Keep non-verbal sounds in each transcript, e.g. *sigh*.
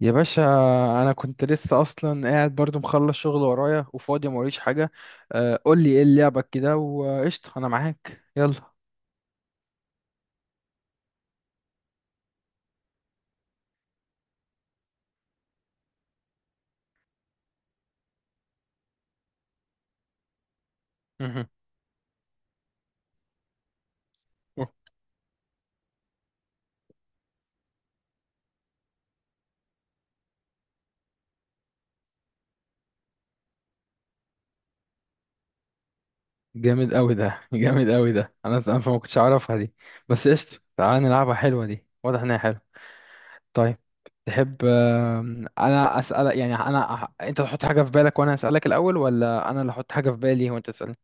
يا باشا، انا كنت لسه اصلا قاعد برضو مخلص شغل ورايا وفاضي موريش حاجه. قول لي ايه لعبك كده وقشطه، انا معاك يلا. مهم. أوه. جامد قوي ده *laughs* جامد قوي ده. انا ما كنتش اعرفها دي. بس قشطه تعال نلعبها، حلوه دي، واضح انها حلوه. طيب تحب انا اسالك يعني، انا انت تحط حاجه في بالك وانا اسالك الاول، ولا انا اللي احط حاجه في بالي وانت تسالني؟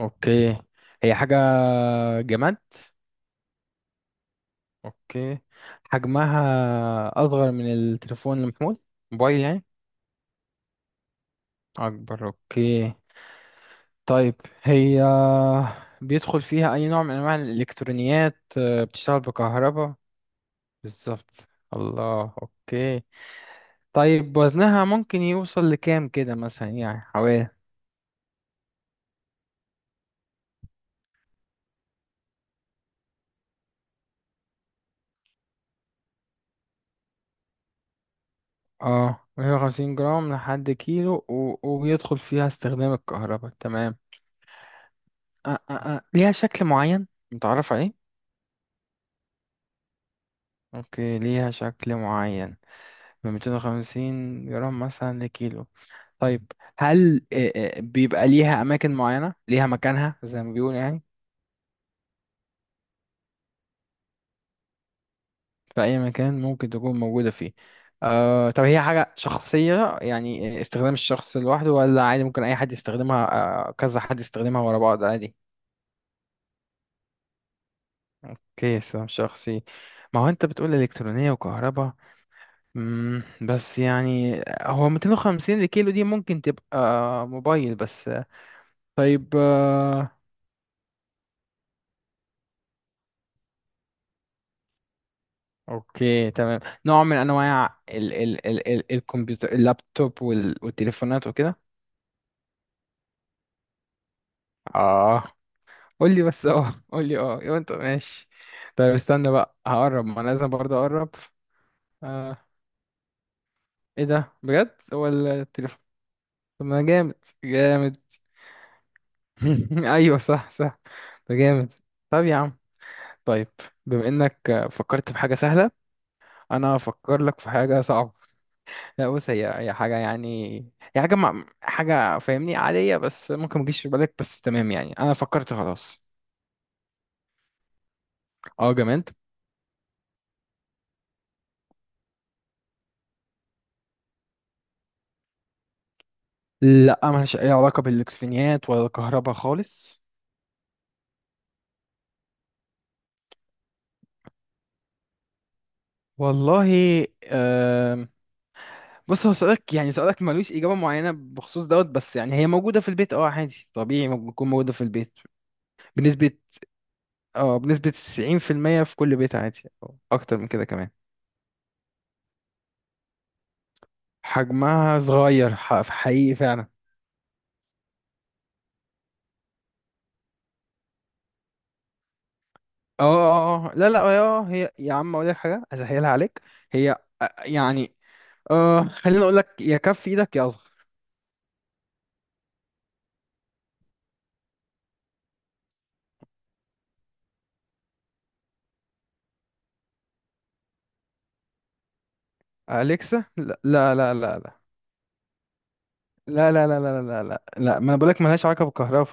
اوكي. هي حاجه. جماد. اوكي. حجمها اصغر من التليفون المحمول، موبايل يعني. اكبر، اوكي. طيب هي بيدخل فيها اي نوع من انواع الالكترونيات، بتشتغل بكهرباء؟ بالظبط. الله، اوكي. طيب وزنها ممكن يوصل لكام كده مثلا يعني، حوالي اه 150 جرام لحد كيلو وبيدخل فيها استخدام الكهرباء، تمام. ليها شكل معين متعرف عليه؟ اوكي ليها شكل معين من 250 جرام مثلا لكيلو. طيب هل بيبقى ليها أماكن معينة ليها مكانها زي ما بيقول يعني؟ في أي مكان ممكن تكون موجودة فيه. آه طب هي حاجة شخصية يعني استخدام الشخص لوحده، ولا عادي ممكن أي حد يستخدمها؟ آه كذا حد يستخدمها ورا بعض عادي؟ اوكي استخدام شخصي. ما هو أنت بتقول إلكترونية وكهرباء، بس يعني هو 250 لكيلو دي ممكن تبقى موبايل بس. طيب اوكي تمام. نوع من انواع ال الكمبيوتر، اللابتوب، والتليفونات وكده. اه، قول لي بس اه قول *laughs* لي اه، يبقى انت ماشي. طيب استنى بقى هقرب، ما أنا لازم برضه اقرب. آه. ايه ده بجد، هو التليفون؟ طب ما جامد، جامد. *laughs* ايوه صح، صح، ده جامد. طب يا عم، طيب. بما انك فكرت في حاجة سهلة، انا هفكر لك في حاجة صعبة. لا بص، هي حاجة يعني، هي حاجة حاجة فاهمني عادية، بس ممكن ما تجيش في بالك، بس تمام يعني. أنا فكرت خلاص. اه جامد. لا ملهاش أي علاقة بالإلكترونيات ولا الكهرباء خالص. والله، آم، بص هو سؤالك يعني، سؤالك ملوش إجابة معينة بخصوص دوت، بس يعني هي موجودة في البيت، اه عادي طبيعي ممكن تكون موجودة في البيت. بنسبة اه، بنسبة 90% في المية، في كل بيت عادي أو أكتر من كده كمان. حجمها صغير، في حقيقي فعلا. لا اه، هي يا عم اقول لك حاجه اسهلها عليك. هي يعني خليني اقول لك، يا كف ايدك يا اصغر. اليكسا؟ لا لا لا لا لا لا لا لا لا لا لا لا، ما انا بقول لك ملهاش علاقه بالكهرباء.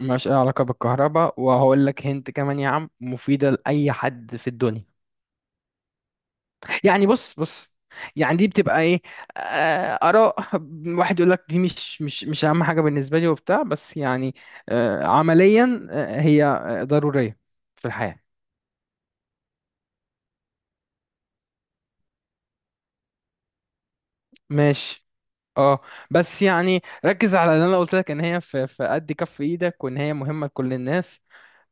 ملهاش أي علاقه بالكهرباء، وهقول لك هنت كمان يا عم، مفيده لاي حد في الدنيا. يعني بص، بص، يعني دي بتبقى ايه، اراء، واحد يقول لك دي مش اهم حاجه بالنسبه لي وبتاع، بس يعني عمليا هي ضروريه في الحياه. ماشي. اه، بس يعني ركز على اللي انا قلت لك ان هي في قد كف ايدك، وان هي مهمه لكل الناس.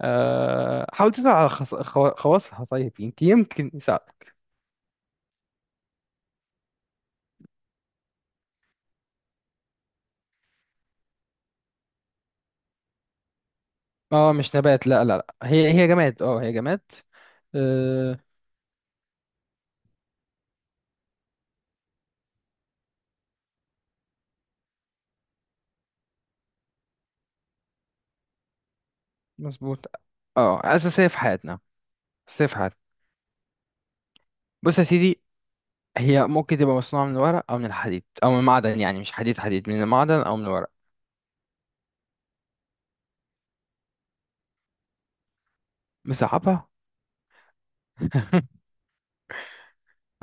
حاول تسعى على خواصها، طيب يمكن، يمكن يساعد. اه مش نبات، لا هي جماد، اه هي جماد. آه، مظبوط، اه اساسيه في حياتنا. اساسيه في حياتنا. بص يا سيدي، هي ممكن تبقى مصنوعة من الورق أو من الحديد أو من المعدن، يعني مش حديد، حديد من المعدن أو من الورق. مصعبها؟ *laughs*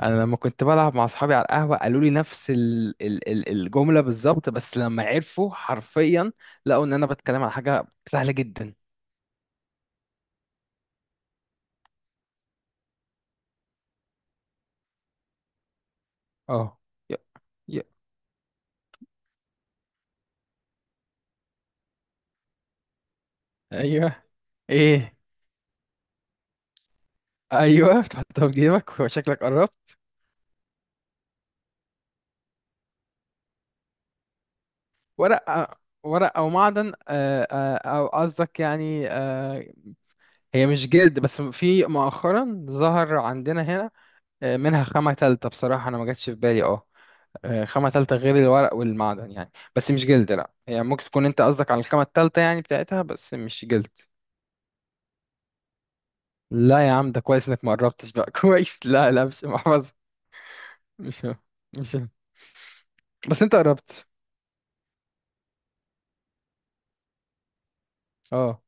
أنا لما كنت بلعب مع أصحابي على القهوة قالوا لي نفس ال الجملة بالظبط، بس لما عرفوا حرفيا لقوا إن أنا بتكلم على حاجة سهلة جدا. أه. ي- ي- أيوه. إيه، أيوه تحطها في جيبك، وشكلك قربت. ورق. ورق أو معدن، أو قصدك يعني هي مش جلد، بس في مؤخرا ظهر عندنا هنا منها خامة تالتة، بصراحة أنا ما جاتش في بالي اه، خامة تالتة غير الورق والمعدن يعني، بس مش جلد. لا هي ممكن تكون أنت قصدك على الخامة التالتة يعني بتاعتها، بس مش جلد. لا يا عم ده كويس إنك ما قربتش بقى. *laughs* كويس. لا لا، مش محفظة. مش، مش، بس أنت قربت. اه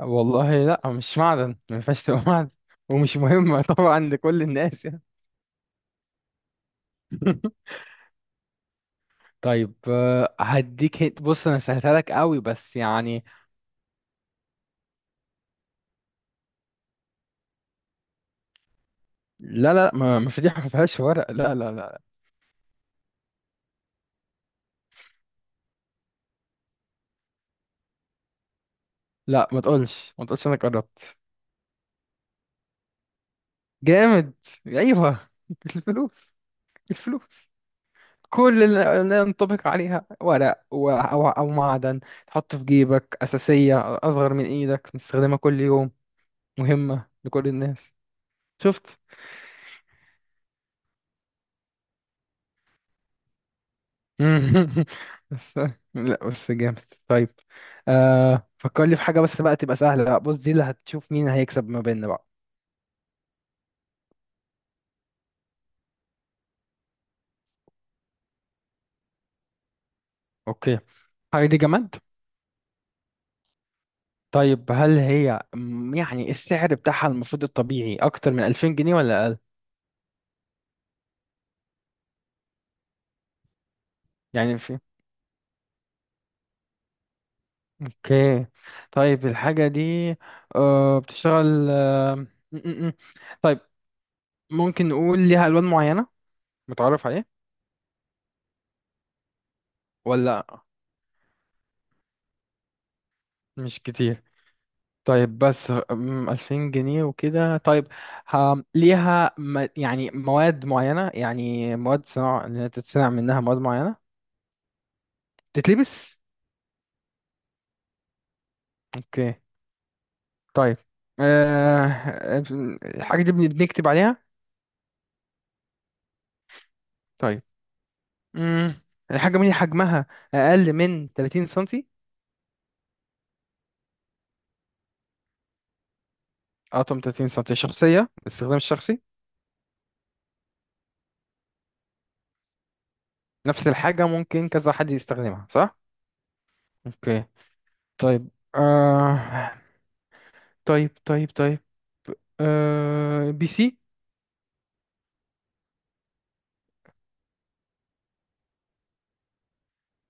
والله لا مش معدن، ما ينفعش تبقى معدن. ومش مهمة *laughs* طبعا لكل الناس يعني. *laughs* طيب هديك هيت، بص انا سهلتها لك قوي بس يعني. لا لا، ما ما فضيحة، ما فيهاش ورق، لا. لا ما تقولش، ما تقولش انا قربت. جامد. ايوه *laughs* الفلوس. الفلوس. كل اللي ينطبق عليها ورق او معدن تحطه في جيبك، اساسية، اصغر من ايدك، بتستخدمها كل يوم، مهمة لكل الناس. شفت؟ *laughs* بس. لا بس جامد. طيب آه فكر لي في حاجة بس بقى تبقى سهلة، لا بص دي اللي هتشوف مين هيكسب ما بيننا بقى. اوكي. حاجة دي جماد. طيب هل هي يعني السعر بتاعها المفروض الطبيعي أكتر من 2000 جنيه ولا أقل؟ يعني في. أوكي. طيب الحاجة دي بتشتغل آه، م- م- م. طيب ممكن نقول ليها ألوان معينة متعرف عليه، ولا مش كتير؟ طيب بس 2000 جنيه وكده، طيب ليها يعني مواد معينة، يعني مواد صناعة اللي هي تتصنع منها مواد معينة. تتلبس؟ أوكي. طيب آه... آه، الحاجة دي بنكتب عليها؟ طيب. مم. الحاجة دي حجمها أقل من 30 سنتي. أطول من 30 سنتي شخصية باستخدام الشخصي. نفس الحاجة ممكن كذا حد يستخدمها صح؟ أوكي. طيب آه... طيب طيب طيب بي سي؟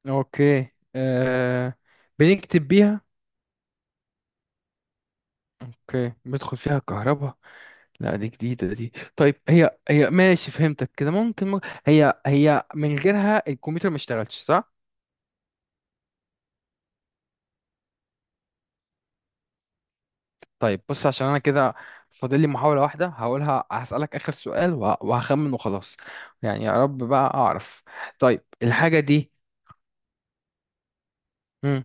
أوكي بنكتب بيها؟ أوكي بيدخل فيها كهرباء. لا دي جديدة دي، طيب هي هي ماشي فهمتك كده، ممكن هي هي من غيرها الكمبيوتر ما اشتغلش صح؟ طيب بص عشان أنا كده فاضل لي محاولة واحدة هقولها، هسألك آخر سؤال وهخمن وخلاص. يعني يا رب بقى أعرف. طيب الحاجة دي. مم.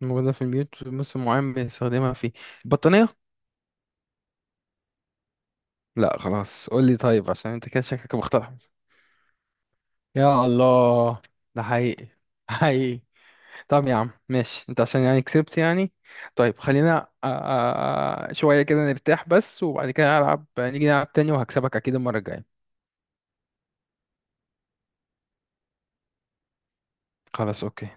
موجودة في البيوت، موسم معين بنستخدمها فيه. البطانية؟ لا خلاص قول لي، طيب عشان أنت كده شكلك مخترع. يا الله، ده حقيقي، حقيقي. طب يا عم ماشي، انت عشان يعني كسبت يعني. طيب خلينا شوية كده نرتاح بس، وبعد كده هلعب، نيجي نلعب تاني وهكسبك اكيد المرة الجاية. خلاص اوكي.